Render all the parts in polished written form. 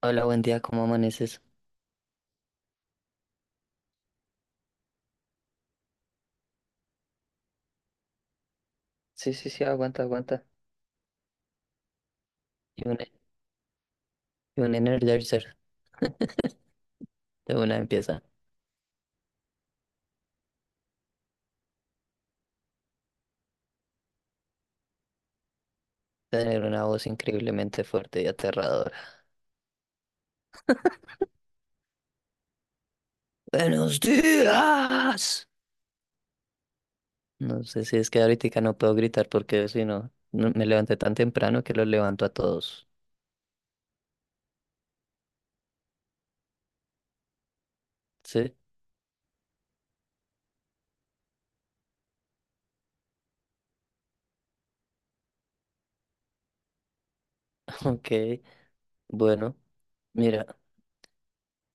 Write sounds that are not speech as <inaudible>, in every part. Hola, buen día, ¿cómo amaneces? Sí, sí, sí, aguanta, aguanta. Y un, y un Energizer de una empieza a tener una voz increíblemente fuerte y aterradora. ¡Buenos días! No sé si es que ahorita no puedo gritar porque si no, me levanté tan temprano que los levanto a todos. ¿Sí? <laughs> Ok, bueno, mira,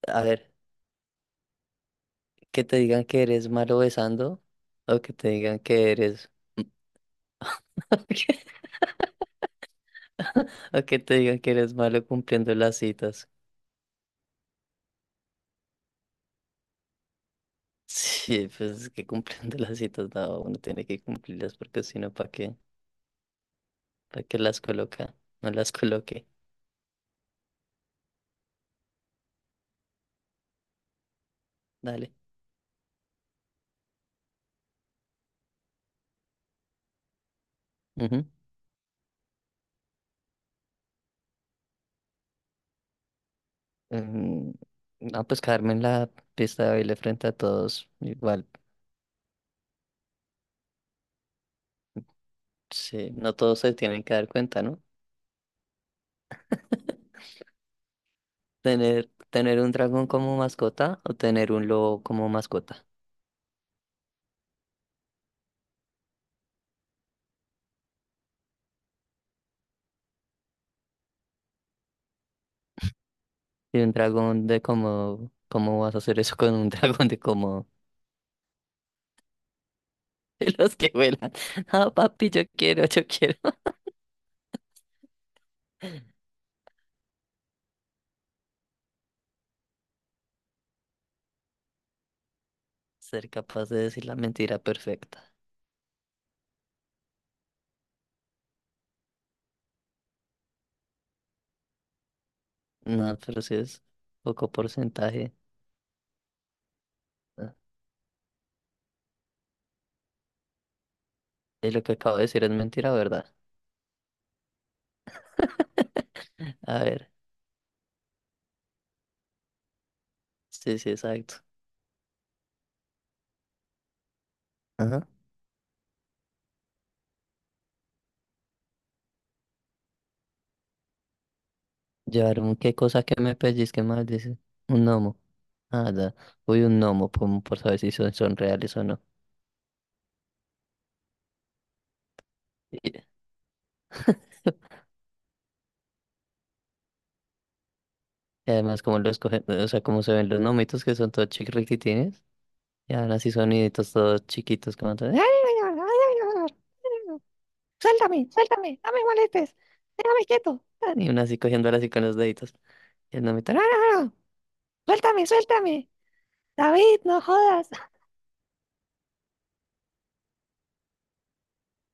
a ver, que te digan que eres malo besando o que te digan que eres... <laughs> o que te digan que eres malo cumpliendo las citas. Sí, pues es que cumpliendo las citas, no, uno tiene que cumplirlas porque si no, ¿para qué? ¿Para qué las coloca? No las coloque. Dale. Ujú. Em, no, pues quedarme en la pista de baile frente a todos, igual, sí, no todos se tienen que dar cuenta, ¿no? <laughs> Tener un dragón como mascota o tener un lobo como mascota. Y un dragón de como, ¿cómo vas a hacer eso con un <laughs> dragón de como <laughs> de los que vuelan? Ah, papi, yo quiero, yo quiero. Ser capaz de decir la mentira perfecta. No, pero si es poco porcentaje. Ah, y lo que acabo de decir es mentira, ¿verdad? <laughs> A ver, sí, sí, exacto. Ajá. Llevar un qué cosa que me pellizque mal, dice. Un gnomo. Ah, da. Uy, un gnomo, por saber si son reales o no. <laughs> Y además, como los cogen, o sea, como se ven los gnomitos que son todos chiquitines. Y ahora así soniditos todos chiquitos, como todo, <laughs> suéltame, suéltame, no me molestes, déjame quieto. Y una así cogiéndola así con los deditos. Y el nomito, no, no, no, suéltame, suéltame, David, no jodas.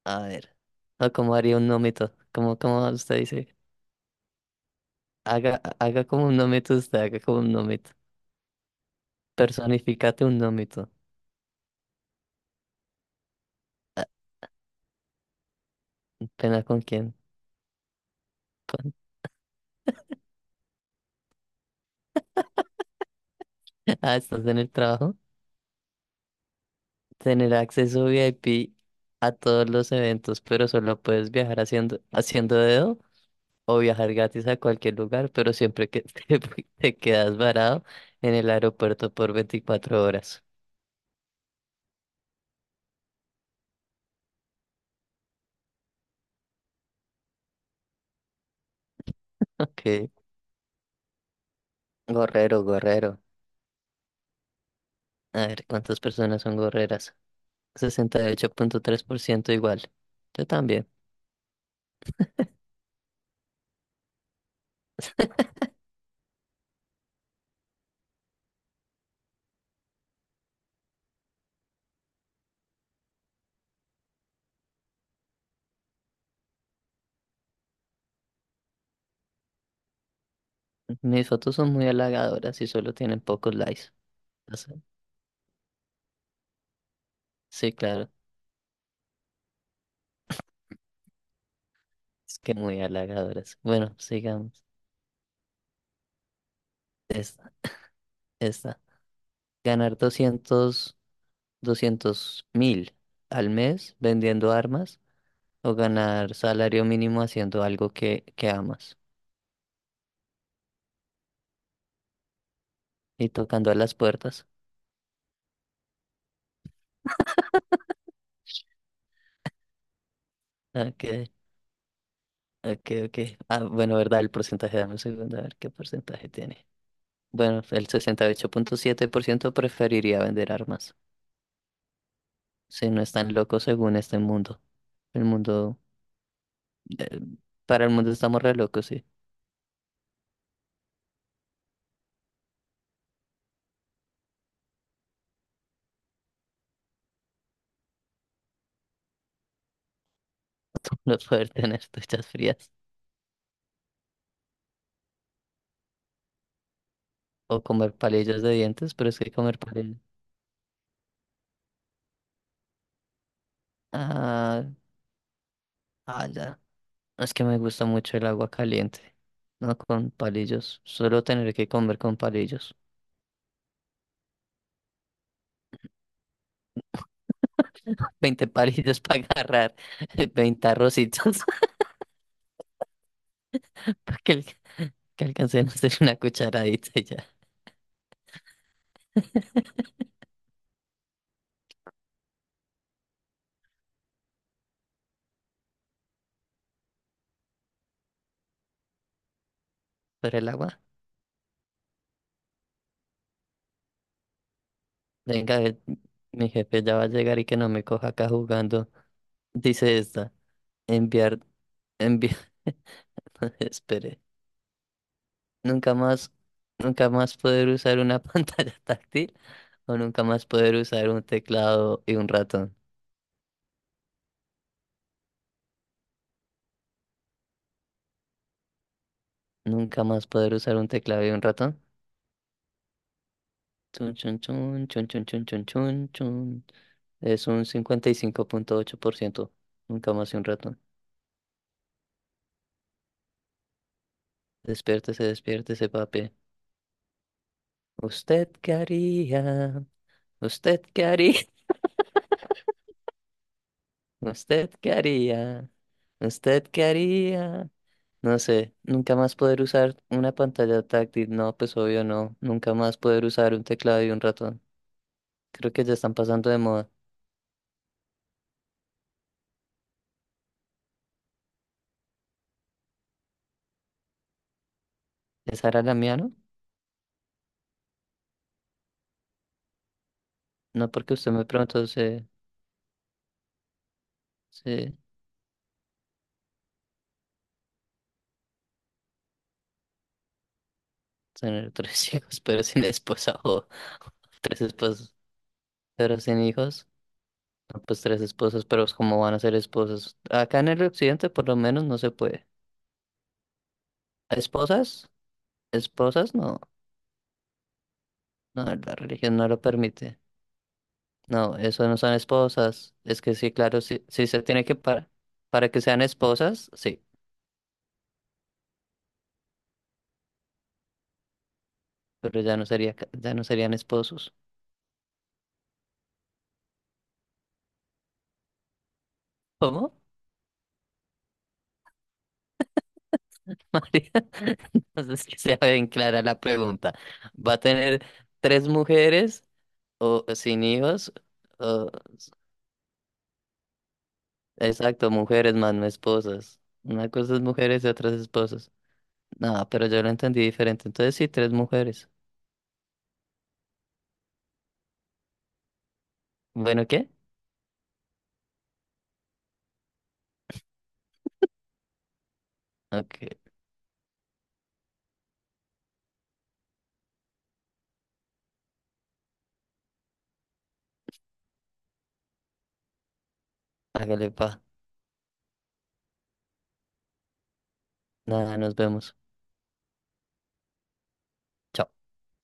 A ver, o como haría un nómito, como usted dice, haga, haga como un nómito usted, haga como un nómito, personificate un nómito. Ah, ¿pena con quién? Con- <laughs> Ah, estás en el trabajo. Tener acceso VIP a todos los eventos, pero solo puedes viajar haciendo dedo. O viajar gratis a cualquier lugar, pero siempre que te, <laughs> te quedas varado en el aeropuerto por 24 horas. <laughs> Ok. Gorrero, gorrero. A ver, ¿cuántas personas son gorreras? 68,3% igual. Yo también. Mis fotos son muy halagadoras y solo tienen pocos likes. O sea, sí, claro. Es que muy halagadoras. Bueno, sigamos. Esta, esta. Ganar doscientos mil al mes vendiendo armas o ganar salario mínimo haciendo algo que amas y tocando a las puertas. Ok, ok, ok. Ah, bueno, ¿verdad? El porcentaje, dame un segundo, a ver qué porcentaje tiene. Bueno, el 68,7% preferiría vender armas. Si no están locos según este mundo. El mundo, eh, para el mundo estamos re locos, sí. <laughs> No poder tener duchas frías o comer palillos de dientes, pero es que comer palillos. Ah, ah, ya. Es que me gusta mucho el agua caliente, no con palillos. Solo tener que comer con palillos. <laughs> 20 palillos para agarrar <laughs> 20 arrocitos <laughs> para que, que alcancen a hacer una cucharadita y ya. Pero el agua, venga, mi jefe ya va a llegar y que no me coja acá jugando. Dice esta, enviar, enviar, <laughs> espere, nunca más, nunca más poder usar una <laughs> pantalla táctil o nunca más poder usar un teclado y un ratón. Nunca más poder usar un teclado y un ratón. Chun, chun, chun, chun, chun, chun, chun, chun, chun. Es un 55,8%. Nunca más y un ratón. Despiértese, despiértese, papi. ¿Usted qué haría? ¿Usted qué haría? <laughs> ¿Usted qué haría? ¿Usted qué haría? No sé, nunca más poder usar una pantalla táctil. No, pues obvio no. Nunca más poder usar un teclado y un ratón. Creo que ya están pasando de moda. ¿Esa era la mía, no? No, porque usted me preguntó, se... Tener tres <laughs> hijos, pero sin esposa o tres esposas, pero sin hijos, no, pues tres esposas, pero ¿cómo van a ser esposas? Acá en el occidente por lo menos no se puede. ¿Esposas? ¿Esposas? No, no, la religión no lo permite. No, eso no son esposas. Es que sí, claro, sí, sí se tiene que para que sean esposas, sí, pero ya no sería ya no serían esposos. ¿Cómo? <laughs> María, <laughs> entonces que sea bien clara la pregunta. ¿Va a tener tres mujeres? O sin hijos, o exacto, mujeres más no esposas. Una cosa es mujeres y otra es esposas. No, pero yo lo entendí diferente. Entonces sí, tres mujeres. Bueno, ¿qué? Ok, hágale pa. Nada, nos vemos. Chao.